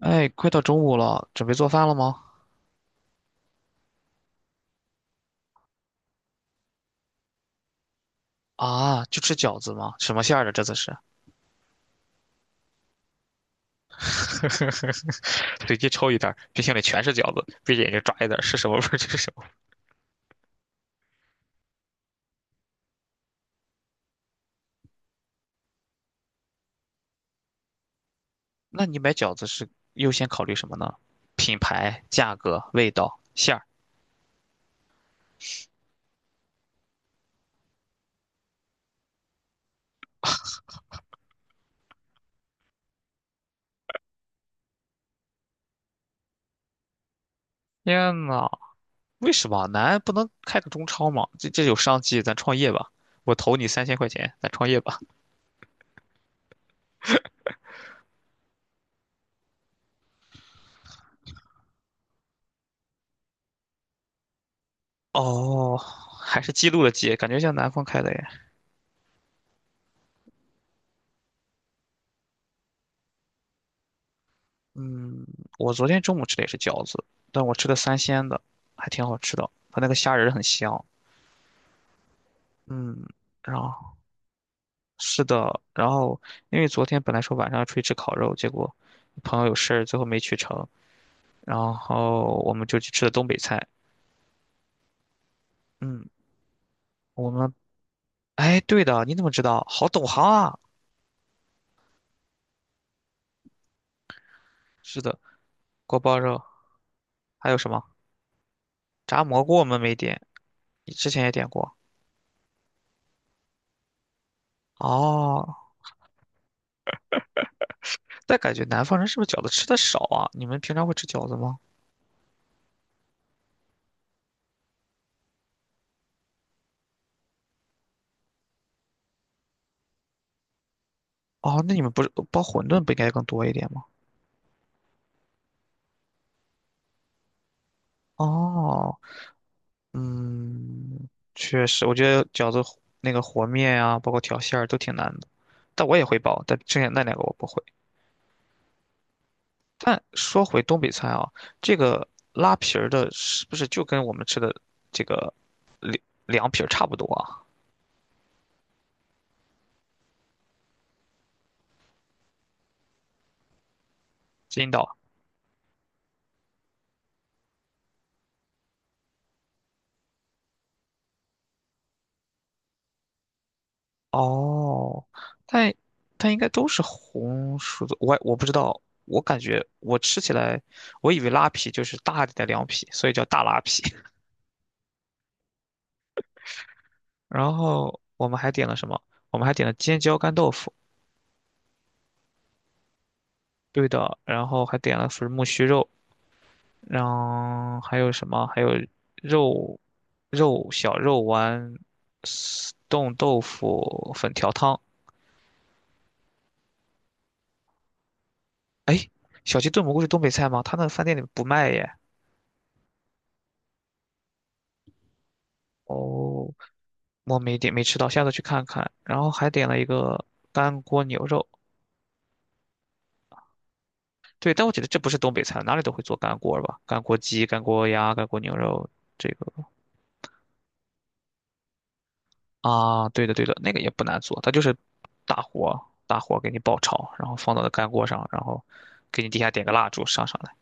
哎，快到中午了，准备做饭了吗？啊，就吃饺子吗？什么馅儿的？这次是 随机抽一袋儿，冰箱里全是饺子，闭着眼睛抓一袋儿，是什么味儿就是什么味儿。那你买饺子是优先考虑什么呢？品牌、价格、味道、馅儿。天呐，为什么咱不能开个中超吗？这有商机，咱创业吧。我投你3000块钱，咱创业吧。哦，还是记录了记，感觉像南方开的耶。嗯，我昨天中午吃的也是饺子，但我吃的三鲜的，还挺好吃的。它那个虾仁儿很香。嗯，然后是的，然后因为昨天本来说晚上要出去吃烤肉，结果朋友有事儿，最后没去成。然后我们就去吃的东北菜。嗯，我们哎，对的，你怎么知道？好懂行啊！是的，锅包肉，还有什么炸蘑菇？我们没点，你之前也点过。哦，但感觉南方人是不是饺子吃的少啊？你们平常会吃饺子吗？哦，那你们不是包馄饨不应该更多一点吗？哦，嗯，确实，我觉得饺子和那个和面啊，包括调馅儿都挺难的，但我也会包，但剩下那两个我不会。但说回东北菜啊，这个拉皮儿的是不是就跟我们吃的这个凉凉皮儿差不多啊？筋道。哦，但但应该都是红薯的，我不知道，我感觉我吃起来，我以为拉皮就是大一点的凉皮，所以叫大拉皮。然后我们还点了什么？我们还点了尖椒干豆腐，对的，然后还点了粉木须肉，然后还有什么？还有肉小肉丸、丝冻豆腐、粉条汤。哎，小鸡炖蘑菇是东北菜吗？他那饭店里不卖耶。哦，我没点没吃到，下次去看看。然后还点了一个干锅牛肉，对，但我觉得这不是东北菜，哪里都会做干锅吧？干锅鸡、干锅鸭、干锅牛肉，这个。啊，对的对的，那个也不难做，它就是大火大火给你爆炒，然后放到了干锅上，然后给你底下点个蜡烛上上来。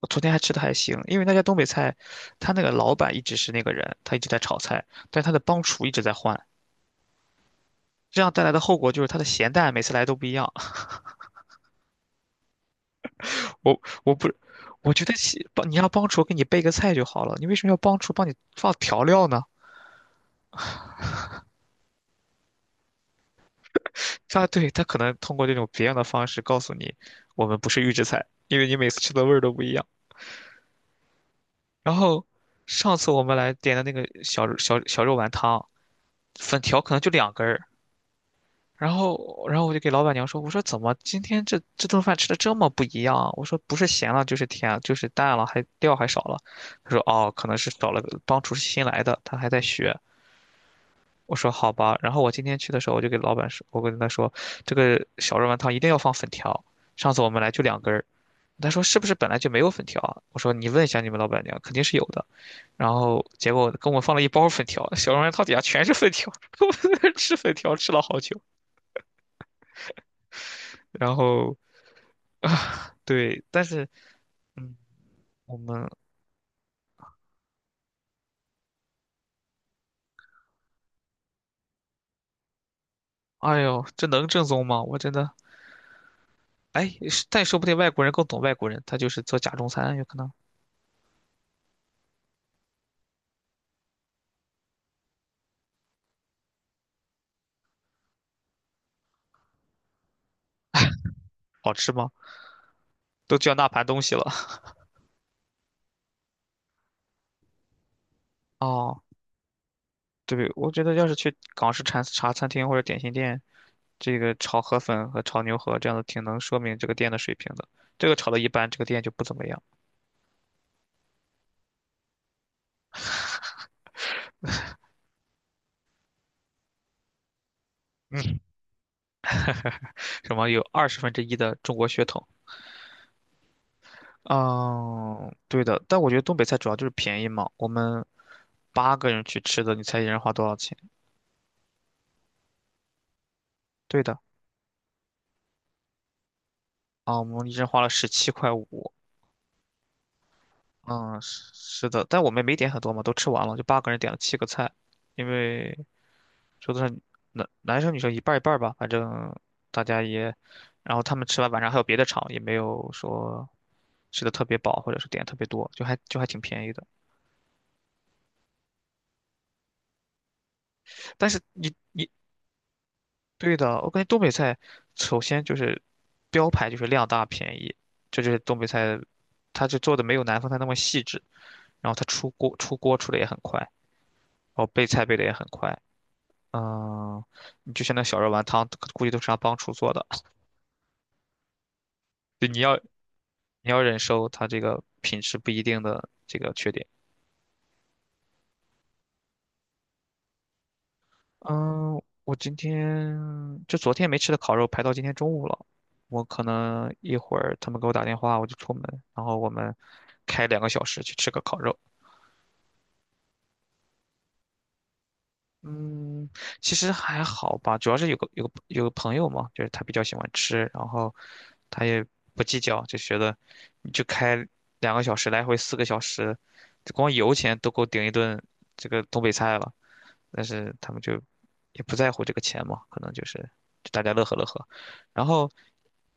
我昨天还吃的还行，因为那家东北菜，他那个老板一直是那个人，他一直在炒菜，但他的帮厨一直在换，这样带来的后果就是他的咸淡每次来都不一样。我我不，我觉得帮你让帮厨给你备个菜就好了，你为什么要帮厨帮你放调料呢？他可能通过这种别样的方式告诉你，我们不是预制菜，因为你每次吃的味儿都不一样。然后上次我们来点的那个小肉丸汤，粉条可能就两根儿。然后我就给老板娘说：“我说怎么今天这顿饭吃的这么不一样啊？我说不是咸了就是甜了就是淡了，还料还少了。”她说：“哦，可能是少了个，帮厨师新来的，他还在学。”我说好吧，然后我今天去的时候，我就给老板说，我跟他说，这个小肉丸汤一定要放粉条。上次我们来就两根儿，他说是不是本来就没有粉条啊？我说你问一下你们老板娘，肯定是有的。然后结果跟我放了一包粉条，小肉丸汤底下全是粉条，我在那儿吃粉条吃了好久。然后啊，对，但是嗯，我们哎呦，这能正宗吗？我真的哎，是但说不定外国人更懂外国人，他就是做假中餐，有可能好吃吗？都叫那盘东西了 哦。对，我觉得要是去港式茶餐厅或者点心店，这个炒河粉和炒牛河这样的，挺能说明这个店的水平的。这个炒的一般，这个店就不怎么样。什么有1/20的中国血统？嗯，对的。但我觉得东北菜主要就是便宜嘛。我们八个人去吃的，你猜一人花多少钱？对的，啊，我们一人花了17块5。嗯，是是的，但我们没点很多嘛，都吃完了，就八个人点了7个菜，因为桌子上男生女生一半儿一半儿吧，反正大家也，然后他们吃完晚上还有别的场，也没有说吃的特别饱或者是点特别多，就还就还挺便宜的。但是你你对的，我感觉东北菜首先就是标牌就是量大便宜，这就是东北菜，它就做的没有南方菜那么细致，然后它出锅出的也很快，然后备菜备的也很快。嗯，你就像那小肉丸汤，估计都是让帮厨做的。对，你要忍受它这个品质不一定的这个缺点。嗯，我今天就昨天没吃的烤肉排到今天中午了，我可能一会儿他们给我打电话，我就出门，然后我们开两个小时去吃个烤肉。嗯，其实还好吧，主要是有个朋友嘛，就是他比较喜欢吃，然后他也不计较，就觉得你就开两个小时来回4个小时，光油钱都够顶一顿这个东北菜了。但是他们就也不在乎这个钱嘛，可能就是大家乐呵乐呵。然后，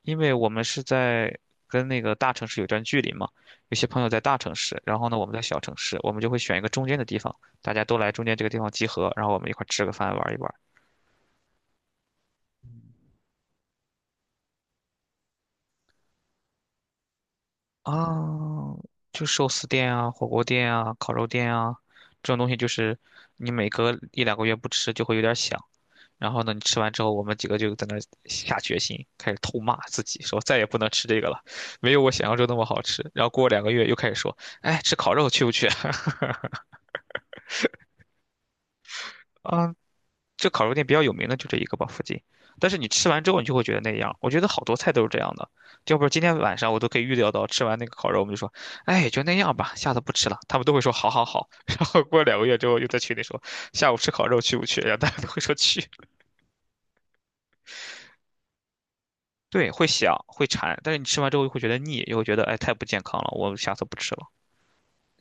因为我们是在跟那个大城市有段距离嘛，有些朋友在大城市，然后呢我们在小城市，我们就会选一个中间的地方，大家都来中间这个地方集合，然后我们一块儿吃个饭玩一玩。啊，哦就寿司店啊、火锅店啊、烤肉店啊，这种东西就是你每隔一两个月不吃就会有点想，然后呢，你吃完之后，我们几个就在那儿下决心，开始痛骂自己，说再也不能吃这个了，没有我想象中那么好吃。然后过两个月又开始说，哎，吃烤肉去不去？啊，这烤肉店比较有名的就这一个吧，附近。但是你吃完之后，你就会觉得那样。我觉得好多菜都是这样的，要不是今天晚上我都可以预料到，吃完那个烤肉，我们就说，哎，也就那样吧，下次不吃了。他们都会说好好好。然后过2个月之后，又在群里说下午吃烤肉去不去？然后大家都会说去。对，会想，会馋，但是你吃完之后又会觉得腻，又会觉得哎太不健康了，我下次不吃了。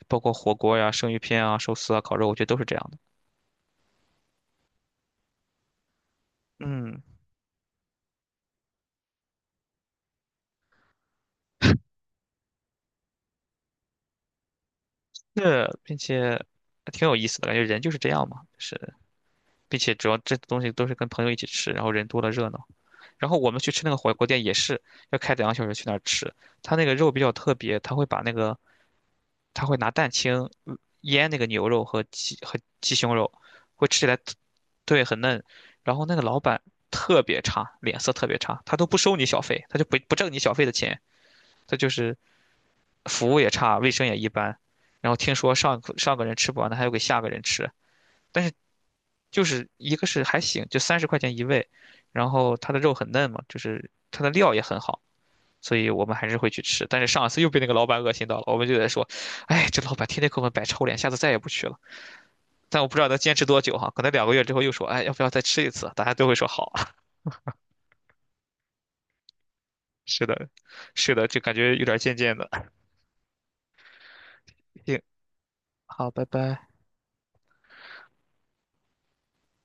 包括火锅呀、生鱼片啊、寿司啊、烤肉，我觉得都是这样的。嗯，那并且还挺有意思的，感觉人就是这样嘛，是，并且主要这东西都是跟朋友一起吃，然后人多了热闹。然后我们去吃那个火锅店也是要开两个小时去那儿吃，他那个肉比较特别，他会拿蛋清呃腌那个牛肉和鸡胸肉，会吃起来特，对，很嫩。然后那个老板特别差，脸色特别差，他都不收你小费，他就不挣你小费的钱，他就是服务也差，卫生也一般。然后听说上个人吃不完的，还要给下个人吃，但是就是一个是还行，就30块钱一位，然后他的肉很嫩嘛，就是他的料也很好。所以我们还是会去吃。但是上一次又被那个老板恶心到了，我们就在说，哎，这老板天天给我们摆臭脸，下次再也不去了。但我不知道能坚持多久哈，可能两个月之后又说，哎，要不要再吃一次？大家都会说好啊。是的，是的，就感觉有点渐渐的。行，好，拜拜。